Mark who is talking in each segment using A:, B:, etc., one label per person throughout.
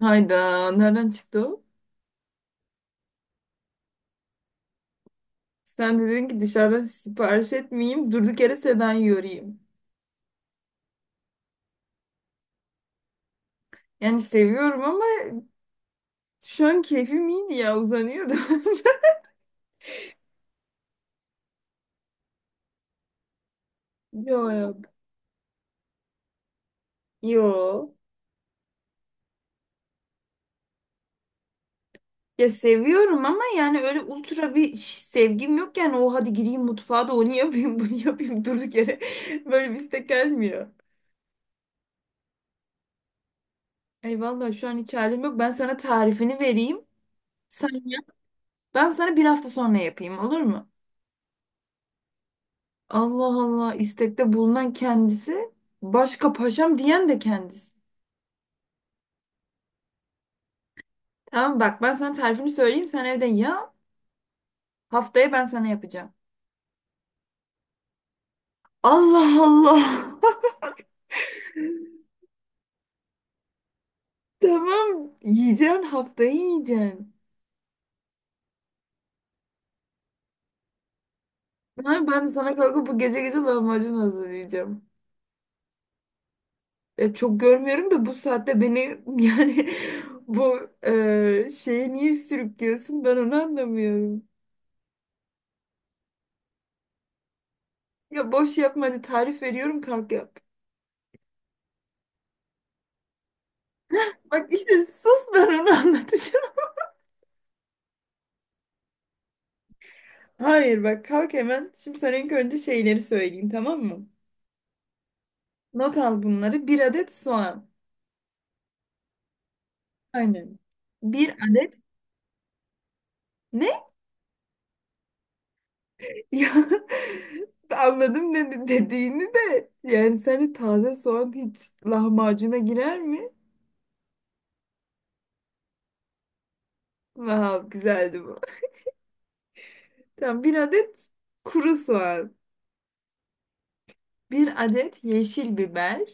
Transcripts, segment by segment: A: Hayda nereden çıktı o? Sen dedin ki dışarıdan sipariş etmeyeyim durduk yere Sedan yorayım. Yani seviyorum ama şu an keyfim iyiydi ya uzanıyordum. Yok yok. Yo. Ya seviyorum ama yani öyle ultra bir sevgim yok yani o hadi gireyim mutfağa da onu yapayım bunu yapayım durduk yere böyle bir istek gelmiyor. Ay vallahi şu an hiç halim yok ben sana tarifini vereyim. Sen yap ben sana bir hafta sonra yapayım olur mu? Allah Allah istekte bulunan kendisi başka paşam diyen de kendisi. Tamam bak ben sana tarifini söyleyeyim sen evde ya haftaya ben sana yapacağım. Allah Allah. Tamam yiyeceksin haftayı yiyeceksin. Ha, ben de sana kalkıp bu gece gece lahmacun hazırlayacağım. Çok görmüyorum da bu saatte beni yani bu şeye niye sürüklüyorsun ben onu anlamıyorum. Ya boş yapma hadi tarif veriyorum kalk yap. Bak işte sus ben onu anlatacağım. Hayır bak kalk hemen. Şimdi sana ilk önce şeyleri söyleyeyim tamam mı? Not al bunları. Bir adet soğan. Aynen. Bir adet ne? Ya anladım dedi dediğini de. Yani sence taze soğan hiç lahmacuna girer mi? Vav güzeldi bu. Tamam bir adet kuru soğan. Bir adet yeşil biber.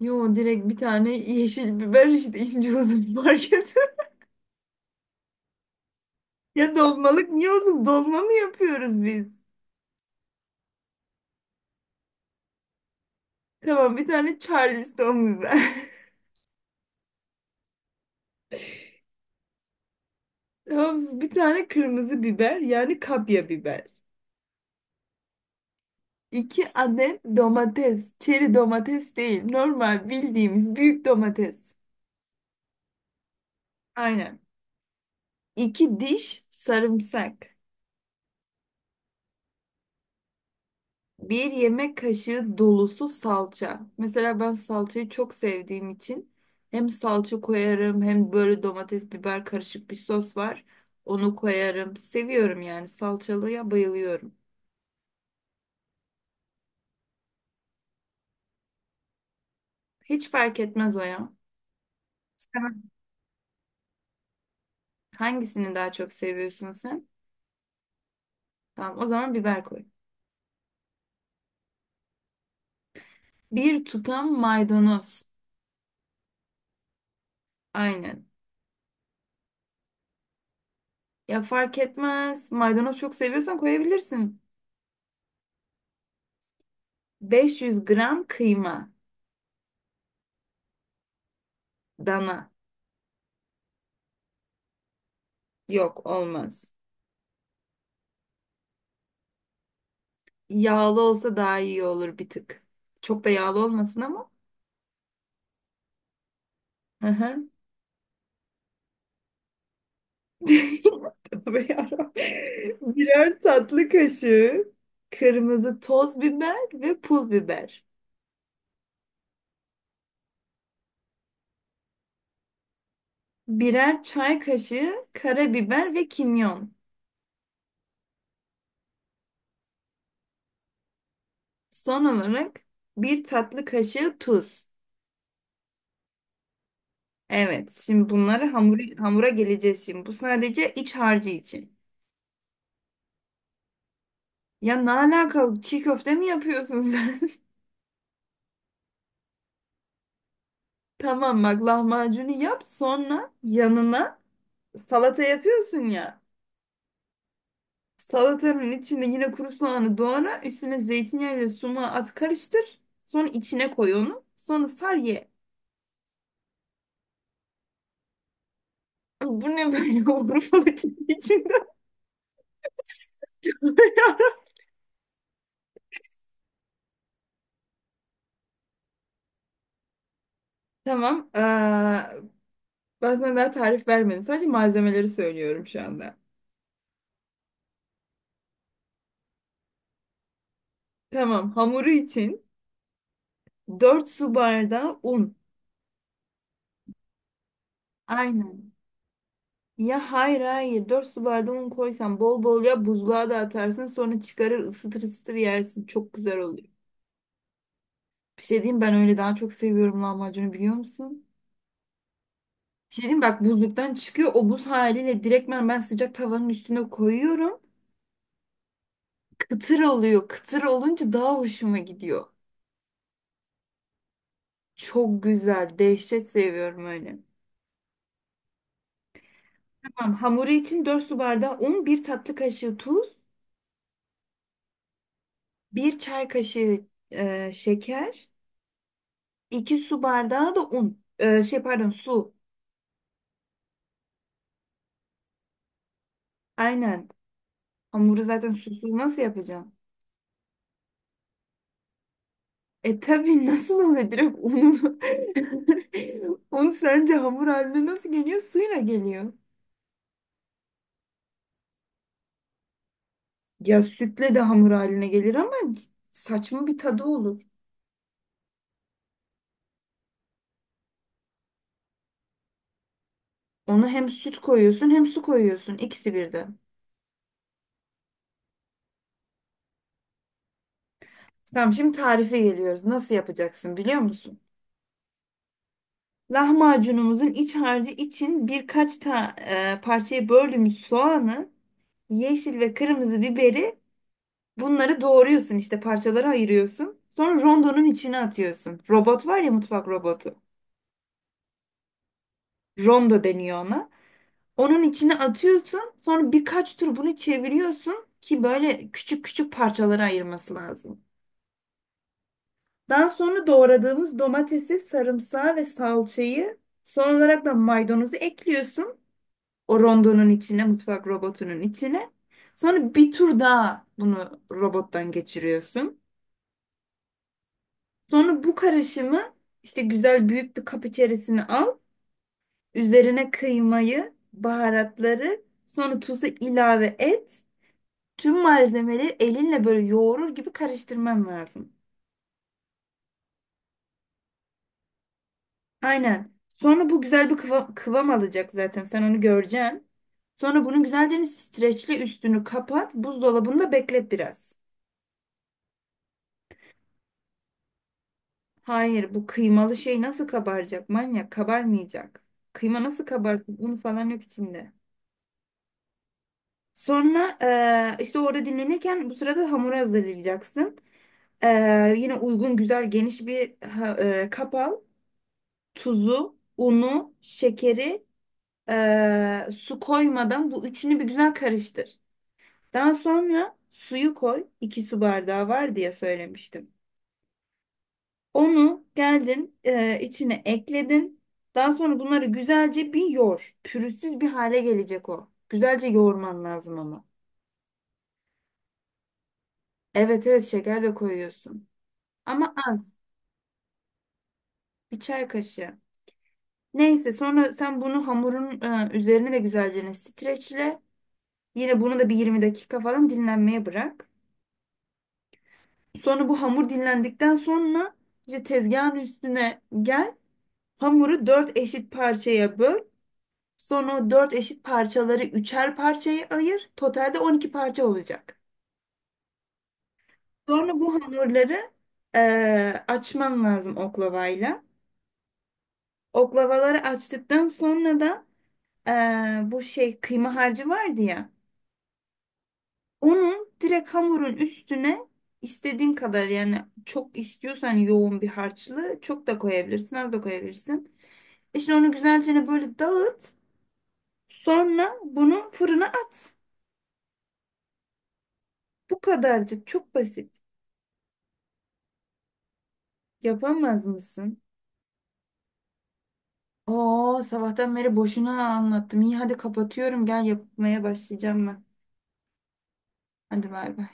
A: Yo direkt bir tane yeşil biber işte ince uzun market. Ya dolmalık niye uzun dolma mı yapıyoruz biz? Tamam bir tane Charleston biber. Tamam bir tane kırmızı biber yani kapya biber. İki adet domates. Çeri domates değil. Normal bildiğimiz büyük domates. Aynen. İki diş sarımsak. Bir yemek kaşığı dolusu salça. Mesela ben salçayı çok sevdiğim için hem salça koyarım hem böyle domates biber karışık bir sos var. Onu koyarım. Seviyorum yani salçalıya bayılıyorum. Hiç fark etmez o ya. Hangisini daha çok seviyorsun sen? Tamam, o zaman biber koy. Bir tutam maydanoz. Aynen. Ya fark etmez. Maydanoz çok seviyorsan koyabilirsin. 500 gram kıyma. Dana. Yok olmaz. Yağlı olsa daha iyi olur bir tık. Çok da yağlı olmasın ama. Hı hı. Tövbe yarabbim. Birer tatlı kaşığı kırmızı toz biber ve pul biber. Birer çay kaşığı karabiber ve kimyon. Son olarak bir tatlı kaşığı tuz. Evet, şimdi bunları hamura geleceğiz şimdi. Bu sadece iç harcı için. Ya ne alakalı çiğ köfte mi yapıyorsun sen? Tamam bak lahmacunu yap sonra yanına salata yapıyorsun ya. Salatanın içinde yine kuru soğanı doğra üstüne zeytinyağıyla sumağı at karıştır. Sonra içine koy onu. Sonra sar ye. Bu ne böyle Urfalı tipi içinde? Tamam. Ben sana daha tarif vermedim. Sadece malzemeleri söylüyorum şu anda. Tamam. Hamuru için 4 su bardağı un. Aynen. Ya hayır hayır 4 su bardağı un koysan bol bol ya buzluğa da atarsın sonra çıkarır ısıtır ısıtır yersin. Çok güzel oluyor. Bir şey diyeyim ben öyle daha çok seviyorum lahmacunu biliyor musun? Bir şey diyeyim bak buzluktan çıkıyor o buz haliyle direktmen ben sıcak tavanın üstüne koyuyorum. Kıtır oluyor. Kıtır olunca daha hoşuma gidiyor. Çok güzel. Dehşet seviyorum öyle. Tamam, hamuru için 4 su bardağı un, bir tatlı kaşığı tuz, bir çay kaşığı şeker, 2 su bardağı da un. Şey pardon su. Aynen. Hamuru zaten susuz nasıl yapacağım? E tabii nasıl oluyor direkt ununu. Un sence hamur haline nasıl geliyor? Suyla geliyor. Ya sütle de hamur haline gelir ama saçma bir tadı olur. Onu hem süt koyuyorsun hem su koyuyorsun. İkisi birden. Tamam şimdi tarife geliyoruz. Nasıl yapacaksın biliyor musun? Lahmacunumuzun iç harcı için birkaç parçaya böldüğümüz soğanı, yeşil ve kırmızı biberi bunları doğruyorsun işte parçalara ayırıyorsun. Sonra rondonun içine atıyorsun. Robot var ya mutfak robotu. Rondo deniyor ona. Onun içine atıyorsun. Sonra birkaç tur bunu çeviriyorsun ki böyle küçük küçük parçalara ayırması lazım. Daha sonra doğradığımız domatesi, sarımsağı ve salçayı son olarak da maydanozu ekliyorsun. O rondonun içine, mutfak robotunun içine. Sonra bir tur daha bunu robottan geçiriyorsun. Sonra bu karışımı işte güzel büyük bir kap içerisine al. Üzerine kıymayı, baharatları, sonra tuzu ilave et. Tüm malzemeleri elinle böyle yoğurur gibi karıştırman lazım. Aynen. Sonra bu güzel bir kıvam alacak zaten. Sen onu göreceksin. Sonra bunun güzelce streçle üstünü kapat. Buzdolabında beklet biraz. Hayır, bu kıymalı şey nasıl kabaracak manyak? Kabarmayacak. Kıyma nasıl kabarsın? Un falan yok içinde. Sonra işte orada dinlenirken bu sırada hamuru hazırlayacaksın. Yine uygun güzel geniş bir kap al. Tuzu, unu, şekeri, su koymadan bu üçünü bir güzel karıştır. Daha sonra suyu koy. 2 su bardağı var diye söylemiştim. Onu geldin içine ekledin. Daha sonra bunları güzelce bir yoğur. Pürüzsüz bir hale gelecek o. Güzelce yoğurman lazım ama. Evet evet şeker de koyuyorsun. Ama az. Bir çay kaşığı. Neyse sonra sen bunu hamurun üzerine de güzelce streçle. Yine bunu da bir 20 dakika falan dinlenmeye bırak. Sonra bu hamur dinlendikten sonra işte tezgahın üstüne gel. Hamuru dört eşit parçaya böl. Sonra 4 eşit parçaları üçer parçaya ayır. Totalde 12 parça olacak. Sonra bu hamurları açman lazım oklavayla. Oklavaları açtıktan sonra da bu şey kıyma harcı vardı ya. Onun direkt hamurun üstüne istediğin kadar yani çok istiyorsan yoğun bir harçlı çok da koyabilirsin az da koyabilirsin. İşte onu güzelce hani böyle dağıt. Sonra bunu fırına at. Bu kadarcık çok basit. Yapamaz mısın? Oo sabahtan beri boşuna anlattım. İyi hadi kapatıyorum. Gel yapmaya başlayacağım ben. Hadi bay bay.